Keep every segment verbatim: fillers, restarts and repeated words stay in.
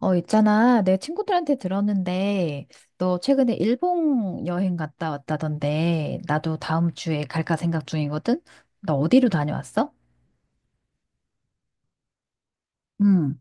어, 있잖아. 내 친구들한테 들었는데, 너 최근에 일본 여행 갔다 왔다던데, 나도 다음 주에 갈까 생각 중이거든? 나 어디로 다녀왔어? 음,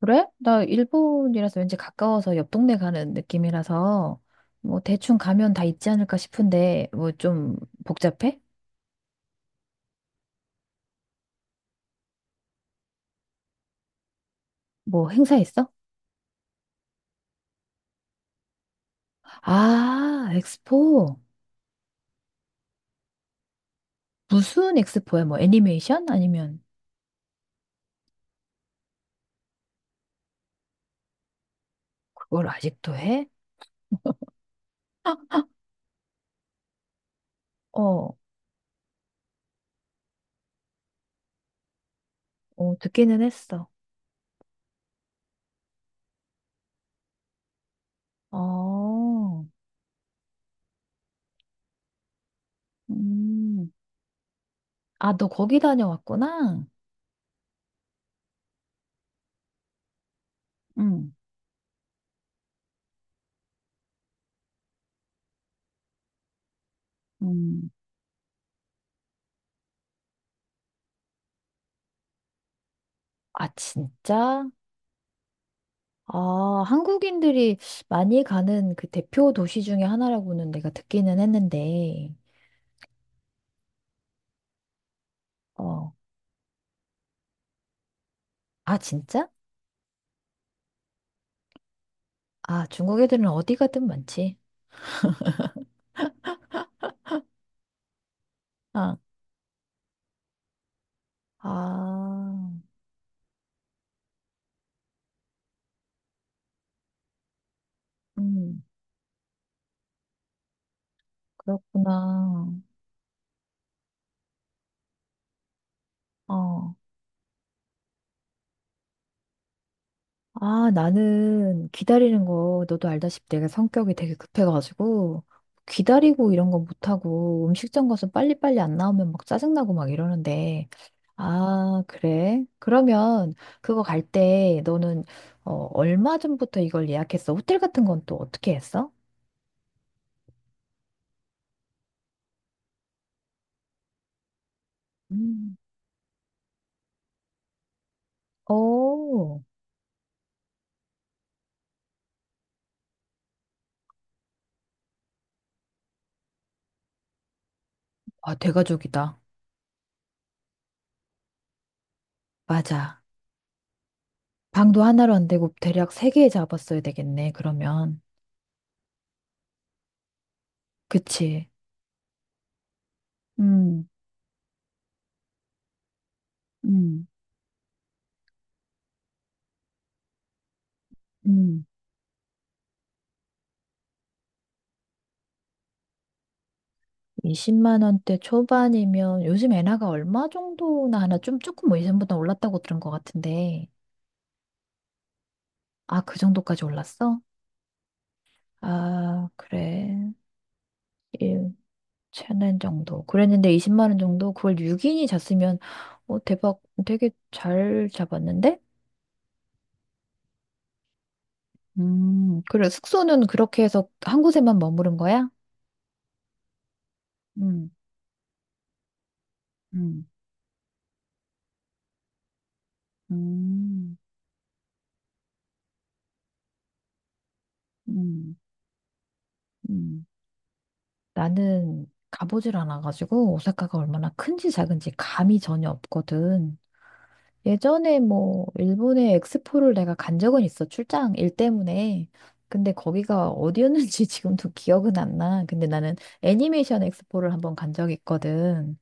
그래? 나 일본이라서 왠지 가까워서 옆 동네 가는 느낌이라서, 뭐 대충 가면 다 있지 않을까 싶은데, 뭐 좀 복잡해? 뭐 행사 있어? 아, 엑스포. 무슨 엑스포야? 뭐 애니메이션? 아니면 그걸 아직도 해? 어, 어, 듣기는 했어. 어. 음. 아, 너 거기 다녀왔구나? 응. 음. 아, 진짜? 아, 한국인들이 많이 가는 그 대표 도시 중에 하나라고는 내가 듣기는 했는데. 어. 아, 진짜? 아, 중국 애들은 어디 가든 많지. 아, 아, 음, 그렇구나. 어. 아, 나는 기다리는 거, 너도 알다시피 내가 성격이 되게 급해가지고, 기다리고 이런 거 못하고, 음식점 가서 빨리빨리 안 나오면 막 짜증나고 막 이러는데, 아, 그래? 그러면 그거 갈 때 너는, 어, 얼마 전부터 이걸 예약했어? 호텔 같은 건 또 어떻게 했어? 음. 오, 아, 대가족이다. 맞아. 방도 하나로 안 되고, 대략 세 개 잡았어야 되겠네, 그러면. 그치? 음, 음, 음. 이십만 원대 초반이면 요즘 엔화가 얼마 정도나 하나 좀 조금 뭐 예전보다 올랐다고 들은 것 같은데. 아, 그 정도까지 올랐어? 아, 그래. 1, 천 엔 정도. 그랬는데 이십만 원 정도? 그걸 육 인이 잤으면, 어, 대박. 되게 잘 잡았는데? 음, 그래. 숙소는 그렇게 해서 한 곳에만 머무른 거야? 음, 음, 음, 음, 음. 나는 가보질 않아가지고 오사카가 얼마나 큰지 작은지 감이 전혀 없거든. 예전에 뭐 일본의 엑스포를 내가 간 적은 있어. 출장 일 때문에. 근데 거기가 어디였는지 지금도 기억은 안 나. 근데 나는 애니메이션 엑스포를 한번 간 적이 있거든.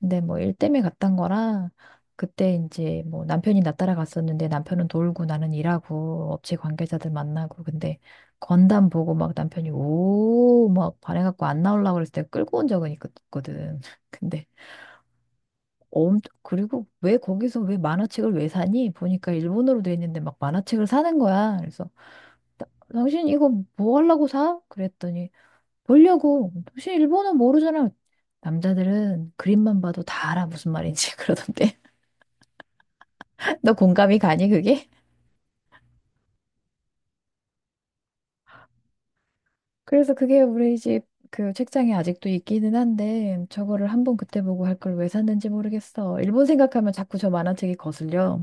근데 뭐 일 때문에 갔던 거라 그때 이제 뭐 남편이 나 따라갔었는데 남편은 돌고 나는 일하고 업체 관계자들 만나고 근데 건담 보고 막 남편이 오 막 반해갖고 안 나오려고 그랬을 때 끌고 온 적은 있거든. 근데 엄 그리고 왜 거기서 왜 만화책을 왜 사니? 보니까 일본어로 돼 있는데 막 만화책을 사는 거야. 그래서 당신 이거 뭐 하려고 사? 그랬더니 보려고. 당신 일본어 모르잖아. 남자들은 그림만 봐도 다 알아 무슨 말인지 그러던데. 너 공감이 가니, 그게? 그래서 그게 우리 집 그 책장에 아직도 있기는 한데, 저거를 한번 그때 보고 할 걸 왜 샀는지 모르겠어. 일본 생각하면 자꾸 저 만화책이 거슬려.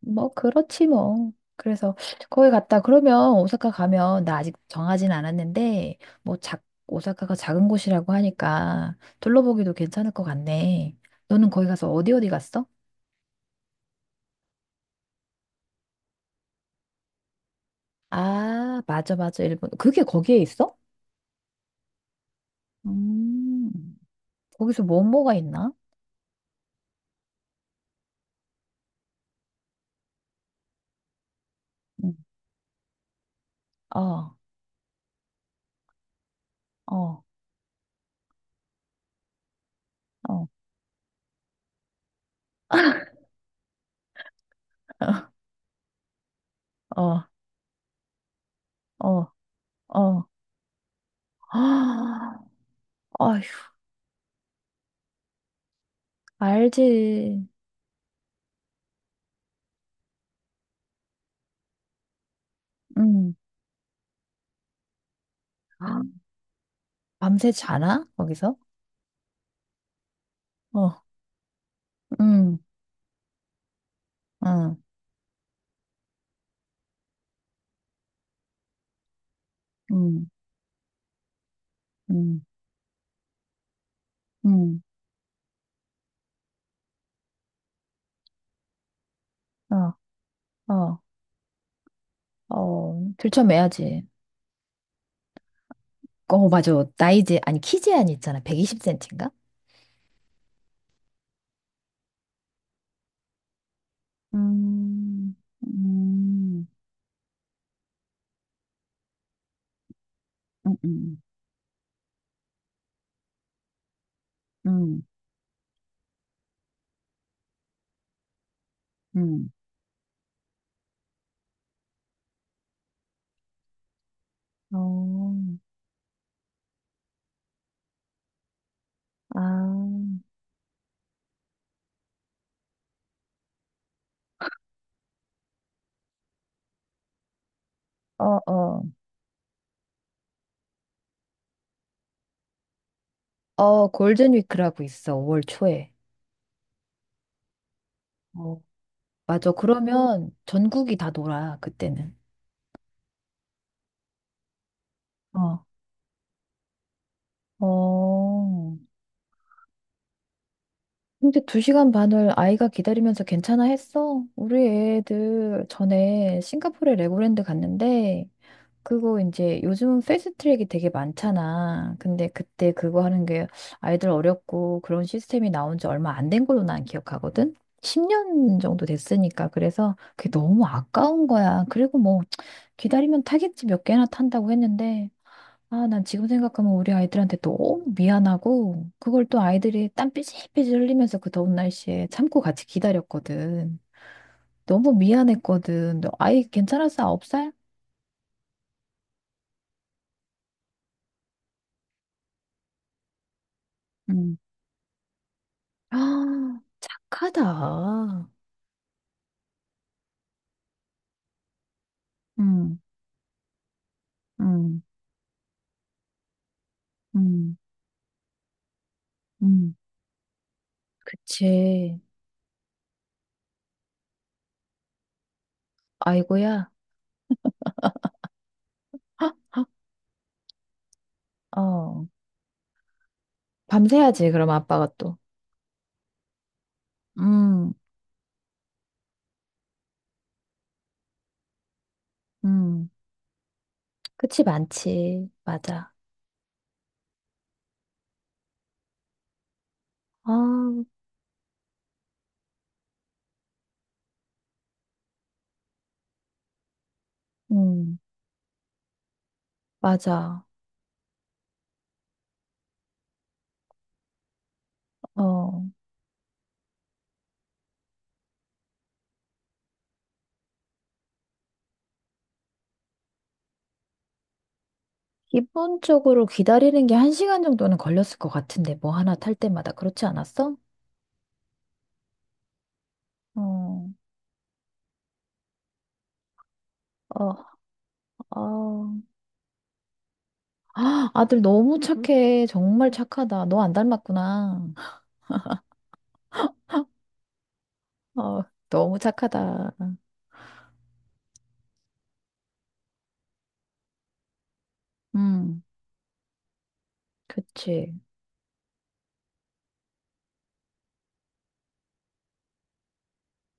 뭐, 그렇지 뭐. 그래서 거기 갔다. 그러면 오사카 가면, 나 아직 정하진 않았는데, 뭐, 작, 오사카가 작은 곳이라고 하니까 둘러보기도 괜찮을 것 같네. 너는 거기 가서 어디 어디 갔어? 아, 맞아, 맞아. 일본. 그게 거기에 있어? 음, 거기서 뭐뭐가 있나? 응. 어. 어, 어, 어, 어, 어. 아, 어휴, 알지. 음. 밤새 자나? 거기서? 어, 음, 어, 음, 음, 음, 어, 어, 어. 들쳐매야지. 어, 맞아. 나이제, 아니, 키제한 이 있잖아. 백이십 센티인가 음, 음, 음, 음, 음, 음. 어, 아, 어, 어, 어, 골든위크라고 있어. 오월 초에. 어. 맞아. 그러면 전국이 다 놀아, 그때는. 어. 어. 근데 두 시간 반을 아이가 기다리면서 괜찮아 했어? 우리 애들 전에 싱가포르에 레고랜드 갔는데, 그거 이제 요즘은 패스트 트랙이 되게 많잖아. 근데 그때 그거 하는 게 아이들 어렵고 그런 시스템이 나온 지 얼마 안 된 걸로 난 기억하거든? 십 년 정도 됐으니까. 그래서 그게 너무 아까운 거야. 그리고 뭐 기다리면 타겠지 몇 개나 탄다고 했는데, 아, 난 지금 생각하면 우리 아이들한테 너무 미안하고, 그걸 또 아이들이 땀 삐질삐질 흘리면서 그 더운 날씨에 참고 같이 기다렸거든. 너무 미안했거든. 너 아이 괜찮았어? 아홉 살? 응. 아, 착하다. 응, 응, 응, 응 그치. 아이고야. 헉, 헉, 어. 밤새야지, 그럼 아빠가 또. 음, 음, 그치, 많지. 맞아. 아, 음, 맞아. 어. 기본적으로 기다리는 게 한 시간 정도는 걸렸을 것 같은데, 뭐 하나 탈 때마다. 그렇지 않았어? 어, 어, 어. 아, 아들 너무 착해. 정말 착하다. 너 안 닮았구나. 어, 너무 착하다. 음, 그치.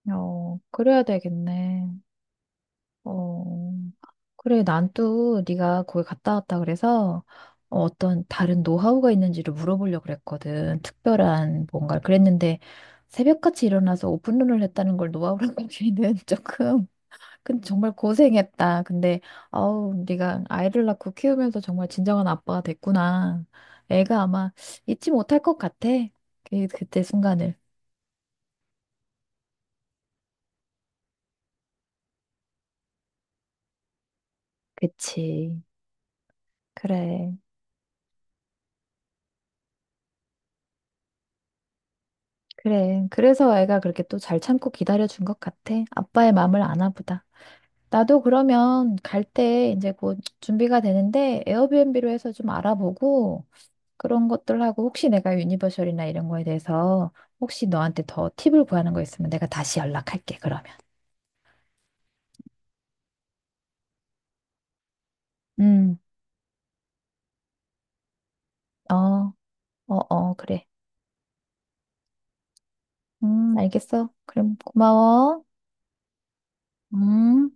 어, 그래야 되겠네. 어, 그래, 난 또 네가 거기 갔다 왔다 그래서 어, 어떤 다른 노하우가 있는지를 물어보려고 그랬거든. 특별한 뭔가를 그랬는데 새벽같이 일어나서 오픈런을 했다는 걸 노하우라고 하기는 조금. 근데 정말 고생했다. 근데 아우, 네가 아이를 낳고 키우면서 정말 진정한 아빠가 됐구나. 애가 아마 잊지 못할 것 같아. 그, 그때 순간을. 그치. 그래. 그래. 그래서 애가 그렇게 또 잘 참고 기다려준 것 같아. 아빠의 마음을 아나 보다. 나도 그러면 갈 때 이제 곧 준비가 되는데 에어비앤비로 해서 좀 알아보고 그런 것들 하고 혹시 내가 유니버셜이나 이런 거에 대해서 혹시 너한테 더 팁을 구하는 거 있으면 내가 다시 연락할게, 그러면. 음, 어, 어, 어, 그래. 음, 알겠어. 그럼 고마워. 음.